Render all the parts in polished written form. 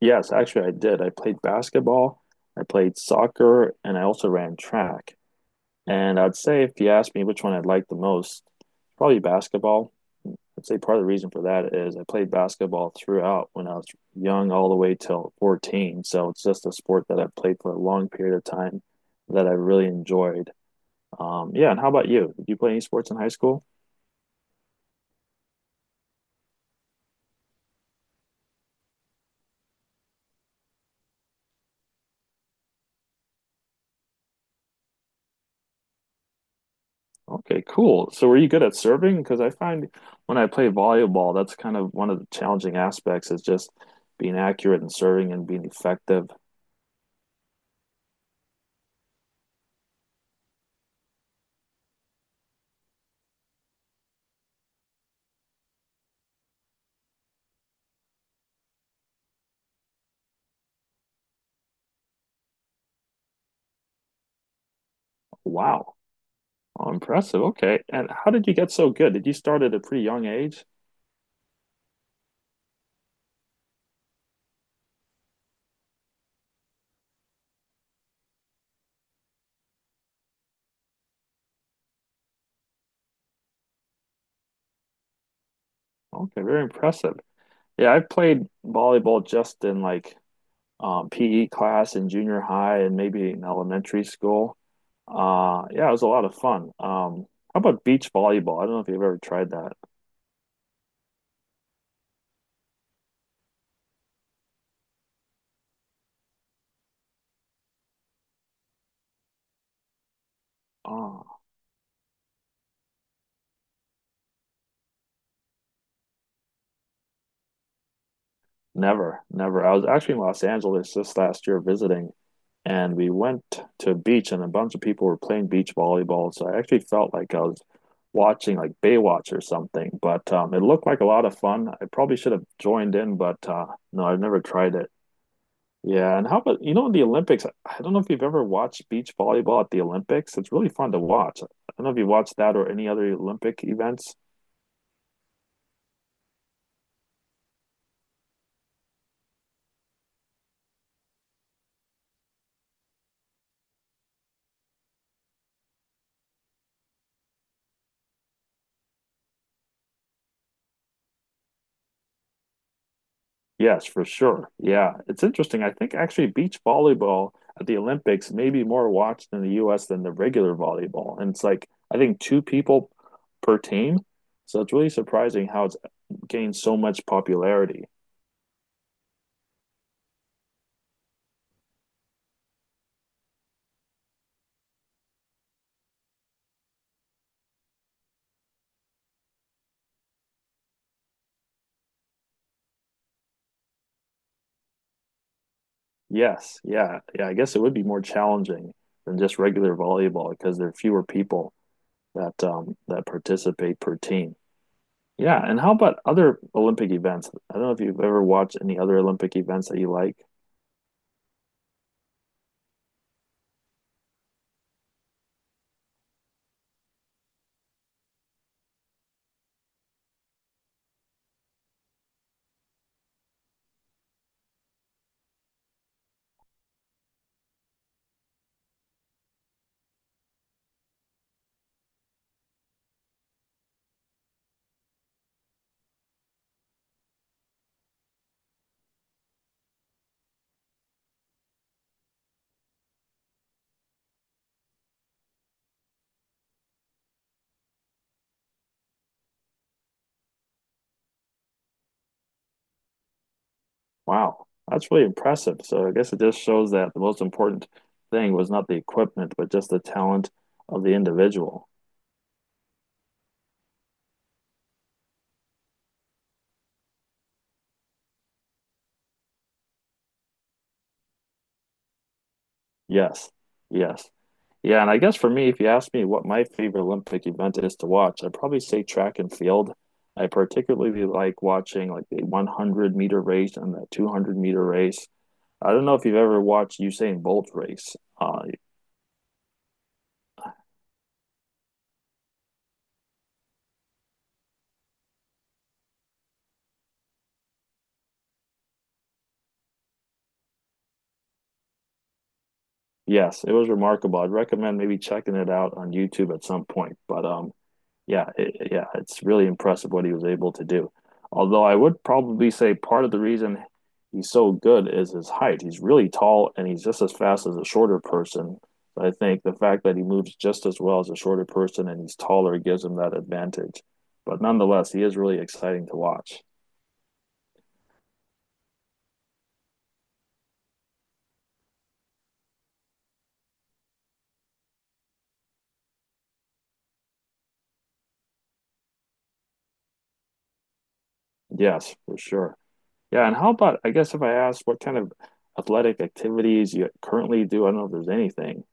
Yes, actually, I did. I played basketball, I played soccer, and I also ran track. And I'd say if you ask me which one I'd like the most, probably basketball. I'd say part of the reason for that is I played basketball throughout when I was young, all the way till 14. So it's just a sport that I've played for a long period of time that I really enjoyed. Yeah, and how about you? Did you play any sports in high school? Okay, cool. So were you good at serving? Because I find when I play volleyball, that's kind of one of the challenging aspects is just being accurate and serving and being effective. Wow. Oh, impressive. Okay. And how did you get so good? Did you start at a pretty young age? Okay, very impressive. Yeah, I played volleyball just in PE class in junior high and maybe in elementary school. Yeah, it was a lot of fun. How about beach volleyball? I don't know if you've ever tried that. Ah, Never, never. I was actually in Los Angeles just last year visiting, and we went to a beach, and a bunch of people were playing beach volleyball. So I actually felt like I was watching like Baywatch or something. But it looked like a lot of fun. I probably should have joined in, but no, I've never tried it. Yeah, and how about you know the Olympics? I don't know if you've ever watched beach volleyball at the Olympics. It's really fun to watch. I don't know if you watched that or any other Olympic events. Yes, for sure. Yeah, it's interesting. I think actually beach volleyball at the Olympics may be more watched in the US than the regular volleyball. And it's like, I think two people per team. So it's really surprising how it's gained so much popularity. Yes, yeah, yeah. I guess it would be more challenging than just regular volleyball because there are fewer people that participate per team. Yeah, and how about other Olympic events? I don't know if you've ever watched any other Olympic events that you like. Wow, that's really impressive. So I guess it just shows that the most important thing was not the equipment, but just the talent of the individual. Yes, yes. Yeah, and I guess for me, if you ask me what my favorite Olympic event is to watch, I'd probably say track and field. I particularly like watching like the 100-meter race and the 200-meter race. I don't know if you've ever watched Usain Bolt race. Yes, it was remarkable. I'd recommend maybe checking it out on YouTube at some point. But yeah, it's really impressive what he was able to do. Although I would probably say part of the reason he's so good is his height. He's really tall and he's just as fast as a shorter person. I think the fact that he moves just as well as a shorter person and he's taller gives him that advantage. But nonetheless, he is really exciting to watch. Yes, for sure. Yeah, and how about, I guess if I ask what kind of athletic activities you currently do, I don't know if there's anything.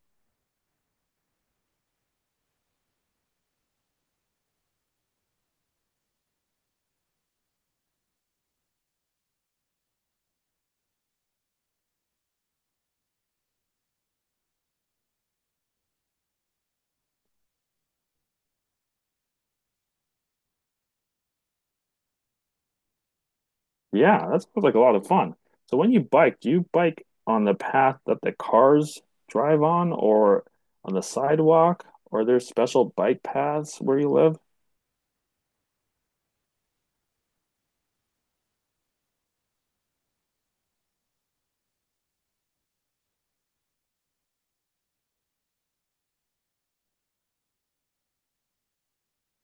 Yeah, that sounds like a lot of fun. So when you bike, do you bike on the path that the cars drive on or on the sidewalk? Or are there special bike paths where you live?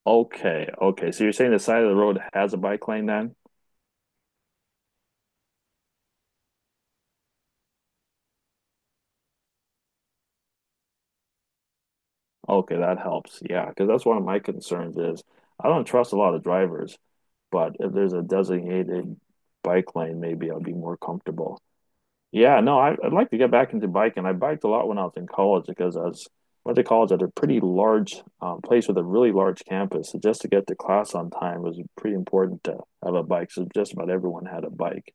Okay, okay. So you're saying the side of the road has a bike lane then? Okay, that helps. Yeah, because that's one of my concerns is I don't trust a lot of drivers, but if there's a designated bike lane, maybe I'll be more comfortable. Yeah, no, I'd like to get back into biking. I biked a lot when I was in college because I was went to college at a pretty large place with a really large campus. So just to get to class on time was pretty important to have a bike. So just about everyone had a bike.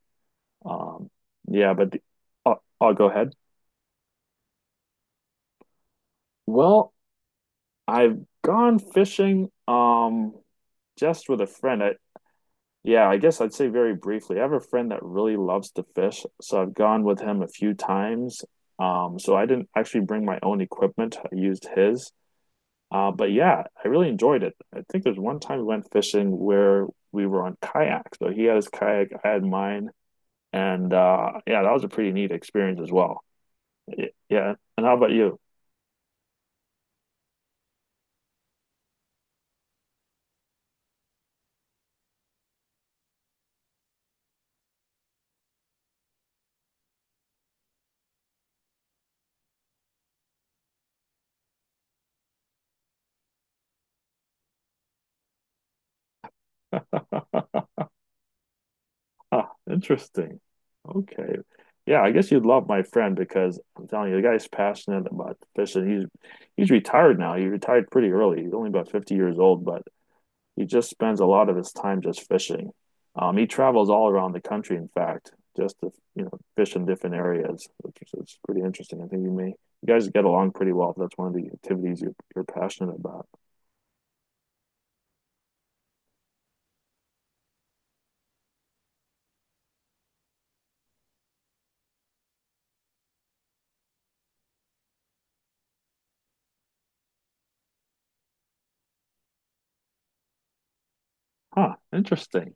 Um, yeah, but the, I'll go ahead. Well, I've gone fishing just with a friend. I yeah, I guess I'd say very briefly. I have a friend that really loves to fish, so I've gone with him a few times. So I didn't actually bring my own equipment. I used his. But yeah, I really enjoyed it. I think there's one time we went fishing where we were on kayak. So he had his kayak, I had mine, and yeah, that was a pretty neat experience as well. Yeah. And how about you? Interesting. Okay. Yeah, I guess you'd love my friend because I'm telling you, the guy's passionate about fishing. He's retired now. He retired pretty early. He's only about 50 years old, but he just spends a lot of his time just fishing. He travels all around the country, in fact, just to, you know, fish in different areas, which is it's pretty interesting. I think you may you guys get along pretty well if that's one of the activities you're passionate about. Huh, interesting.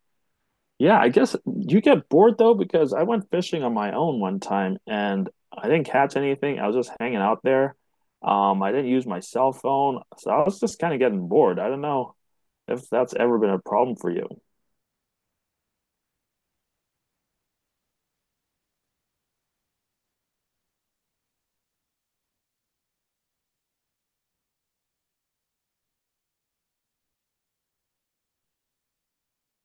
Yeah, I guess you get bored though because I went fishing on my own one time and I didn't catch anything. I was just hanging out there. I didn't use my cell phone, so I was just kind of getting bored. I don't know if that's ever been a problem for you.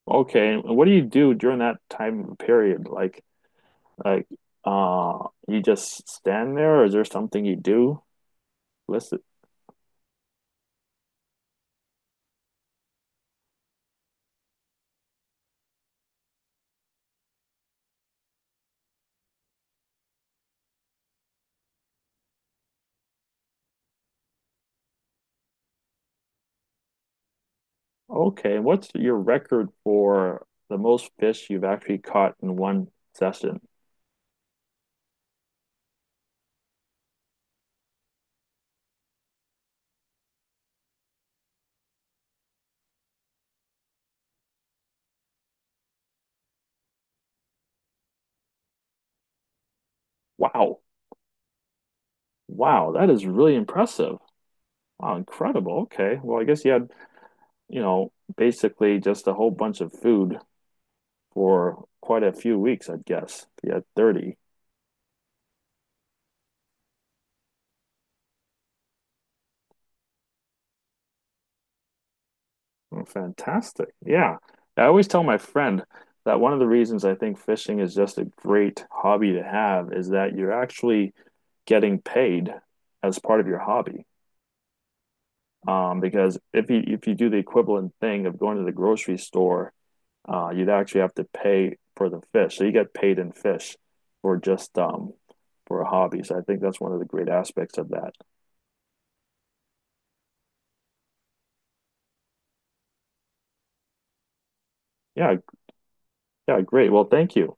Okay, and what do you do during that time period? Like, you just stand there, or is there something you do? Listen, okay, and what's your record for the most fish you've actually caught in one session? Wow. Wow, that is really impressive. Wow, incredible. Okay. Well, I guess you had, you know, basically just a whole bunch of food for quite a few weeks, I'd guess. If you had 30. Oh, fantastic. Yeah. I always tell my friend that one of the reasons I think fishing is just a great hobby to have is that you're actually getting paid as part of your hobby. Because if you do the equivalent thing of going to the grocery store, uh, you'd actually have to pay for the fish. So you get paid in fish for just for a hobby. So I think that's one of the great aspects of that. Yeah, yeah, great. Well, thank you.